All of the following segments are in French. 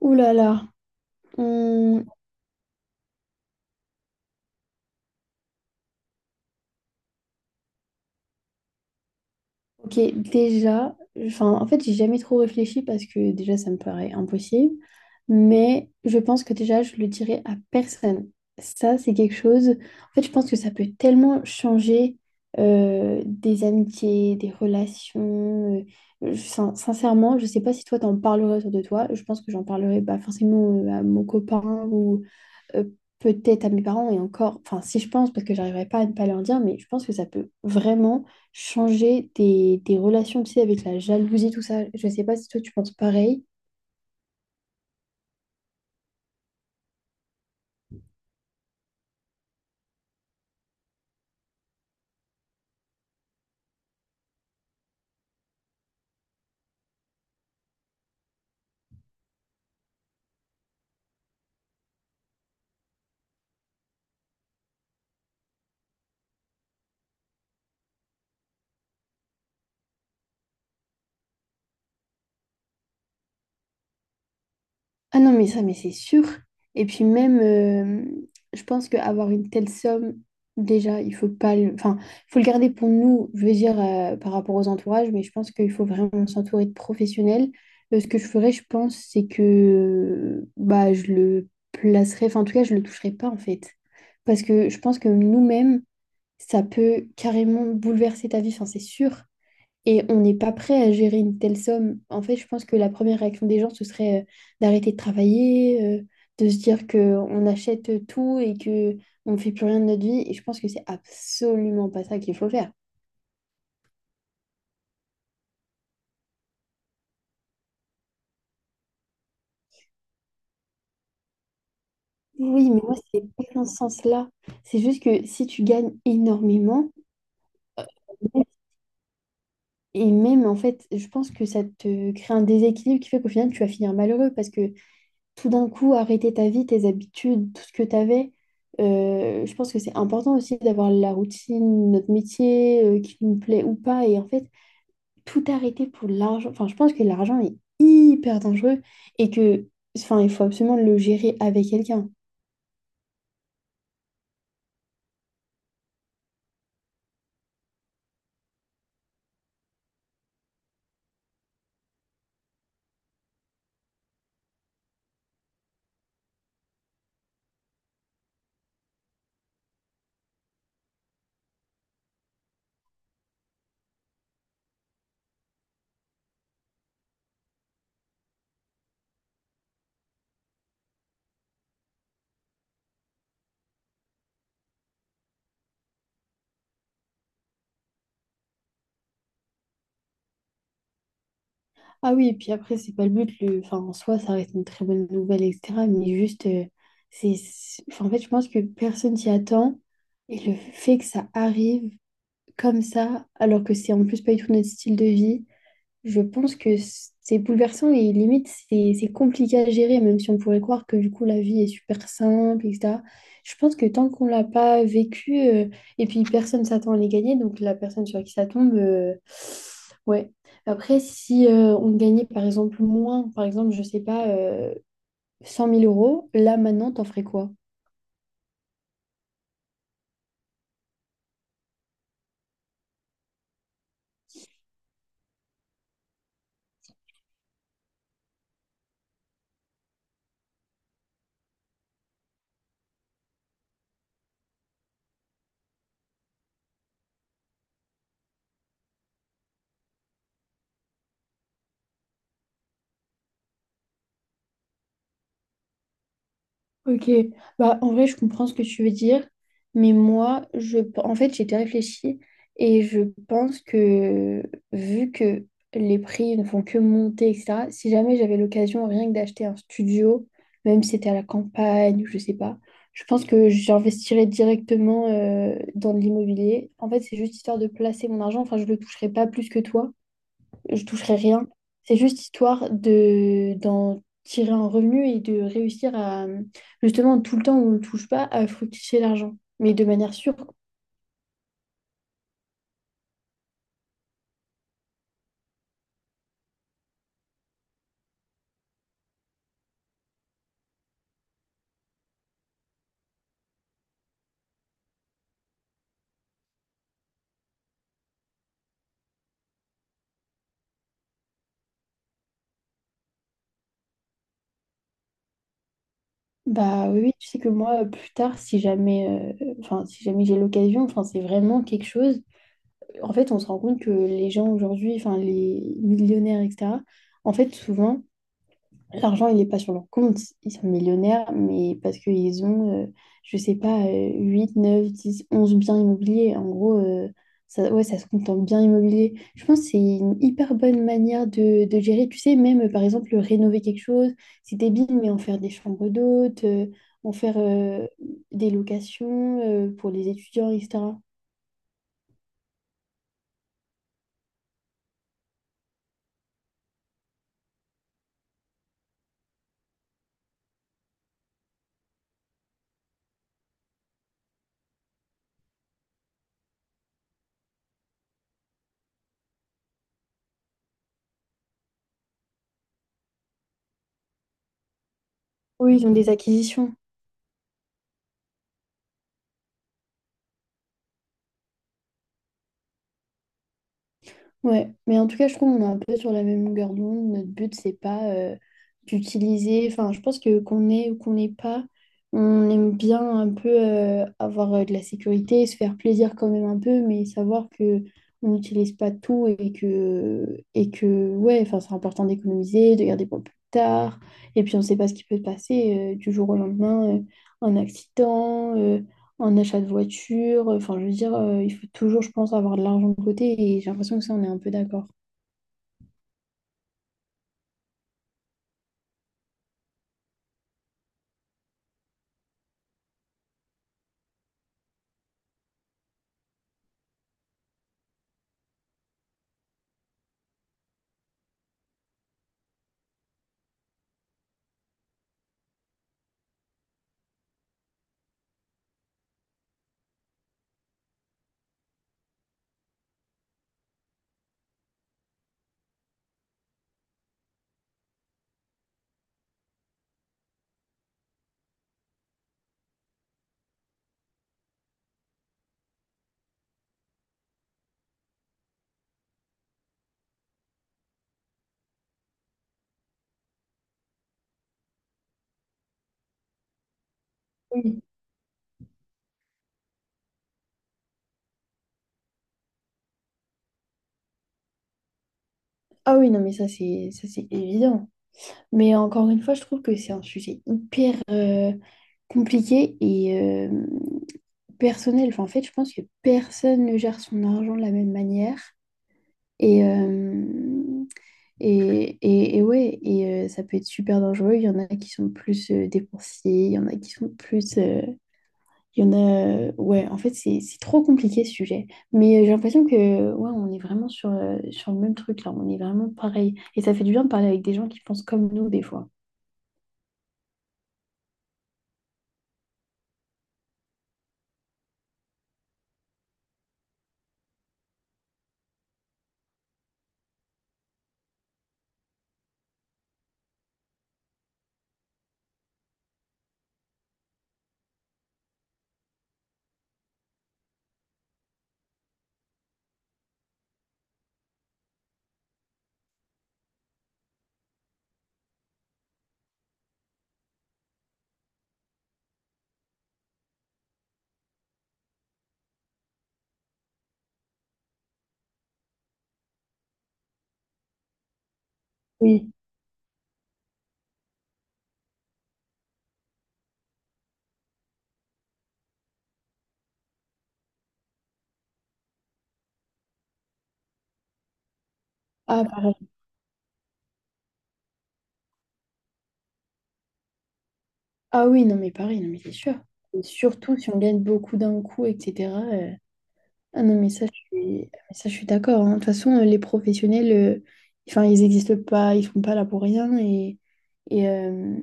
Ouh là là. Hum, ok, déjà, enfin, en fait, j'ai jamais trop réfléchi parce que déjà, ça me paraît impossible. Mais je pense que déjà, je le dirai à personne. Ça, c'est quelque chose. En fait, je pense que ça peut tellement changer des amitiés, des relations. Sincèrement, je sais pas si toi, t'en parlerais autour de toi. Je pense que j'en parlerai pas forcément à mon copain, euh, peut-être à mes parents et encore, enfin si je pense, parce que j'arriverai pas à ne pas leur dire, mais je pense que ça peut vraiment changer des relations, tu sais, avec la jalousie, tout ça. Je sais pas si toi tu penses pareil. Ah non, mais ça, mais c'est sûr. Et puis même, je pense qu'avoir une telle somme, déjà, il faut pas le... Enfin, faut le garder pour nous, je veux dire, par rapport aux entourages, mais je pense qu'il faut vraiment s'entourer de professionnels. Ce que je ferais, je pense, c'est que bah, je le placerais, enfin, en tout cas, je le toucherais pas, en fait. Parce que je pense que nous-mêmes, ça peut carrément bouleverser ta vie, enfin, c'est sûr. Et on n'est pas prêt à gérer une telle somme. En fait, je pense que la première réaction des gens, ce serait d'arrêter de travailler, de se dire qu'on achète tout et que on ne fait plus rien de notre vie. Et je pense que c'est absolument pas ça qu'il faut faire. Oui, mais moi, c'est pas dans ce sens-là. C'est juste que si tu gagnes énormément, et même en fait, je pense que ça te crée un déséquilibre qui fait qu'au final, tu vas finir malheureux parce que tout d'un coup arrêter ta vie, tes habitudes, tout ce que tu avais. Je pense que c'est important aussi d'avoir la routine, notre métier, qui nous plaît ou pas. Et en fait, tout arrêter pour l'argent. Enfin, je pense que l'argent est hyper dangereux et que, enfin, il faut absolument le gérer avec quelqu'un. Ah oui, et puis après, c'est pas le but. Le... Enfin, en soi, ça reste une très bonne nouvelle, etc. Mais juste, enfin, en fait, je pense que personne s'y attend. Et le fait que ça arrive comme ça, alors que c'est en plus pas du tout notre style de vie, je pense que c'est bouleversant et limite, c'est compliqué à gérer, même si on pourrait croire que du coup, la vie est super simple, et etc. Je pense que tant qu'on l'a pas vécu, et puis personne s'attend à les gagner, donc la personne sur qui ça tombe, ouais. Après, si on gagnait par exemple moins, par exemple, je sais pas, 100 000 euros, là maintenant, t'en ferais quoi? Ok, bah en vrai je comprends ce que tu veux dire, mais moi je en fait j'ai déjà réfléchi et je pense que vu que les prix ne font que monter, etc., si jamais j'avais l'occasion rien que d'acheter un studio, même si c'était à la campagne ou je sais pas, je pense que j'investirais directement dans de l'immobilier. En fait, c'est juste histoire de placer mon argent, enfin je le toucherai pas plus que toi, je toucherai rien. C'est juste histoire de d'en tirer un revenu et de réussir à, justement, tout le temps où on ne touche pas, à fructifier l'argent. Mais de manière sûre, quoi. Bah oui, oui, tu sais que moi, plus tard, si jamais, enfin, si jamais j'ai l'occasion, enfin, c'est vraiment quelque chose. En fait, on se rend compte que les gens aujourd'hui, enfin, les millionnaires, etc., en fait, souvent, l'argent, il n'est pas sur leur compte. Ils sont millionnaires, mais parce qu'ils ont, je sais pas, 8, 9, 10, 11 biens immobiliers. En gros, ça, ouais, ça se compte en biens immobiliers. Je pense que c'est une hyper bonne manière de gérer. Tu sais, même, par exemple, rénover quelque chose, c'est débile, mais en faire des chambres d'hôtes, en faire des locations pour les étudiants, etc. Oui, ils ont des acquisitions. Ouais, mais en tout cas, je trouve qu'on est un peu sur la même longueur d'onde. Notre but, c'est pas d'utiliser. Enfin, je pense que qu'on ait ou qu'on n'ait pas, on aime bien un peu avoir de la sécurité, se faire plaisir quand même un peu, mais savoir que on n'utilise pas tout et que ouais, enfin, c'est important d'économiser, de garder pour plus tard. Et puis, on ne sait pas ce qui peut se passer du jour au lendemain, un accident, un achat de voiture. Enfin, je veux dire, il faut toujours, je pense, avoir de l'argent de côté et j'ai l'impression que ça, on est un peu d'accord. Oui. Ah oui, non, mais ça, c'est évident. Mais encore une fois, je trouve que c'est un sujet hyper compliqué et personnel. Enfin, en fait, je pense que personne ne gère son argent de la même manière. Et, euh, et ouais, et ça peut être super dangereux. Il y en a qui sont plus dépensiers, il y en a qui sont plus... Il y en a, ouais, en fait, c'est trop compliqué ce sujet. Mais j'ai l'impression que, ouais, on est vraiment sur, sur le même truc là, on est vraiment pareil. Et ça fait du bien de parler avec des gens qui pensent comme nous des fois. Oui. Ah, pareil. Ah oui, non, mais pareil, non, mais c'est sûr. Et surtout si on gagne beaucoup d'un coup, etc. Ah non, mais ça, je suis d'accord, hein. De toute façon, les professionnels, enfin, ils n'existent pas, ils sont pas là pour rien. Et, euh,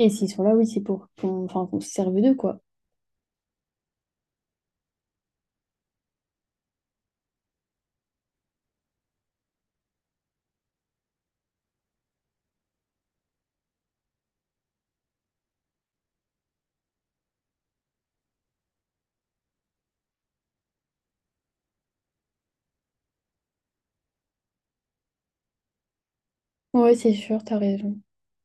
et s'ils sont là, oui, c'est pour qu'on enfin, qu'on se serve d'eux, quoi. Ouais, c'est sûr, t'as raison.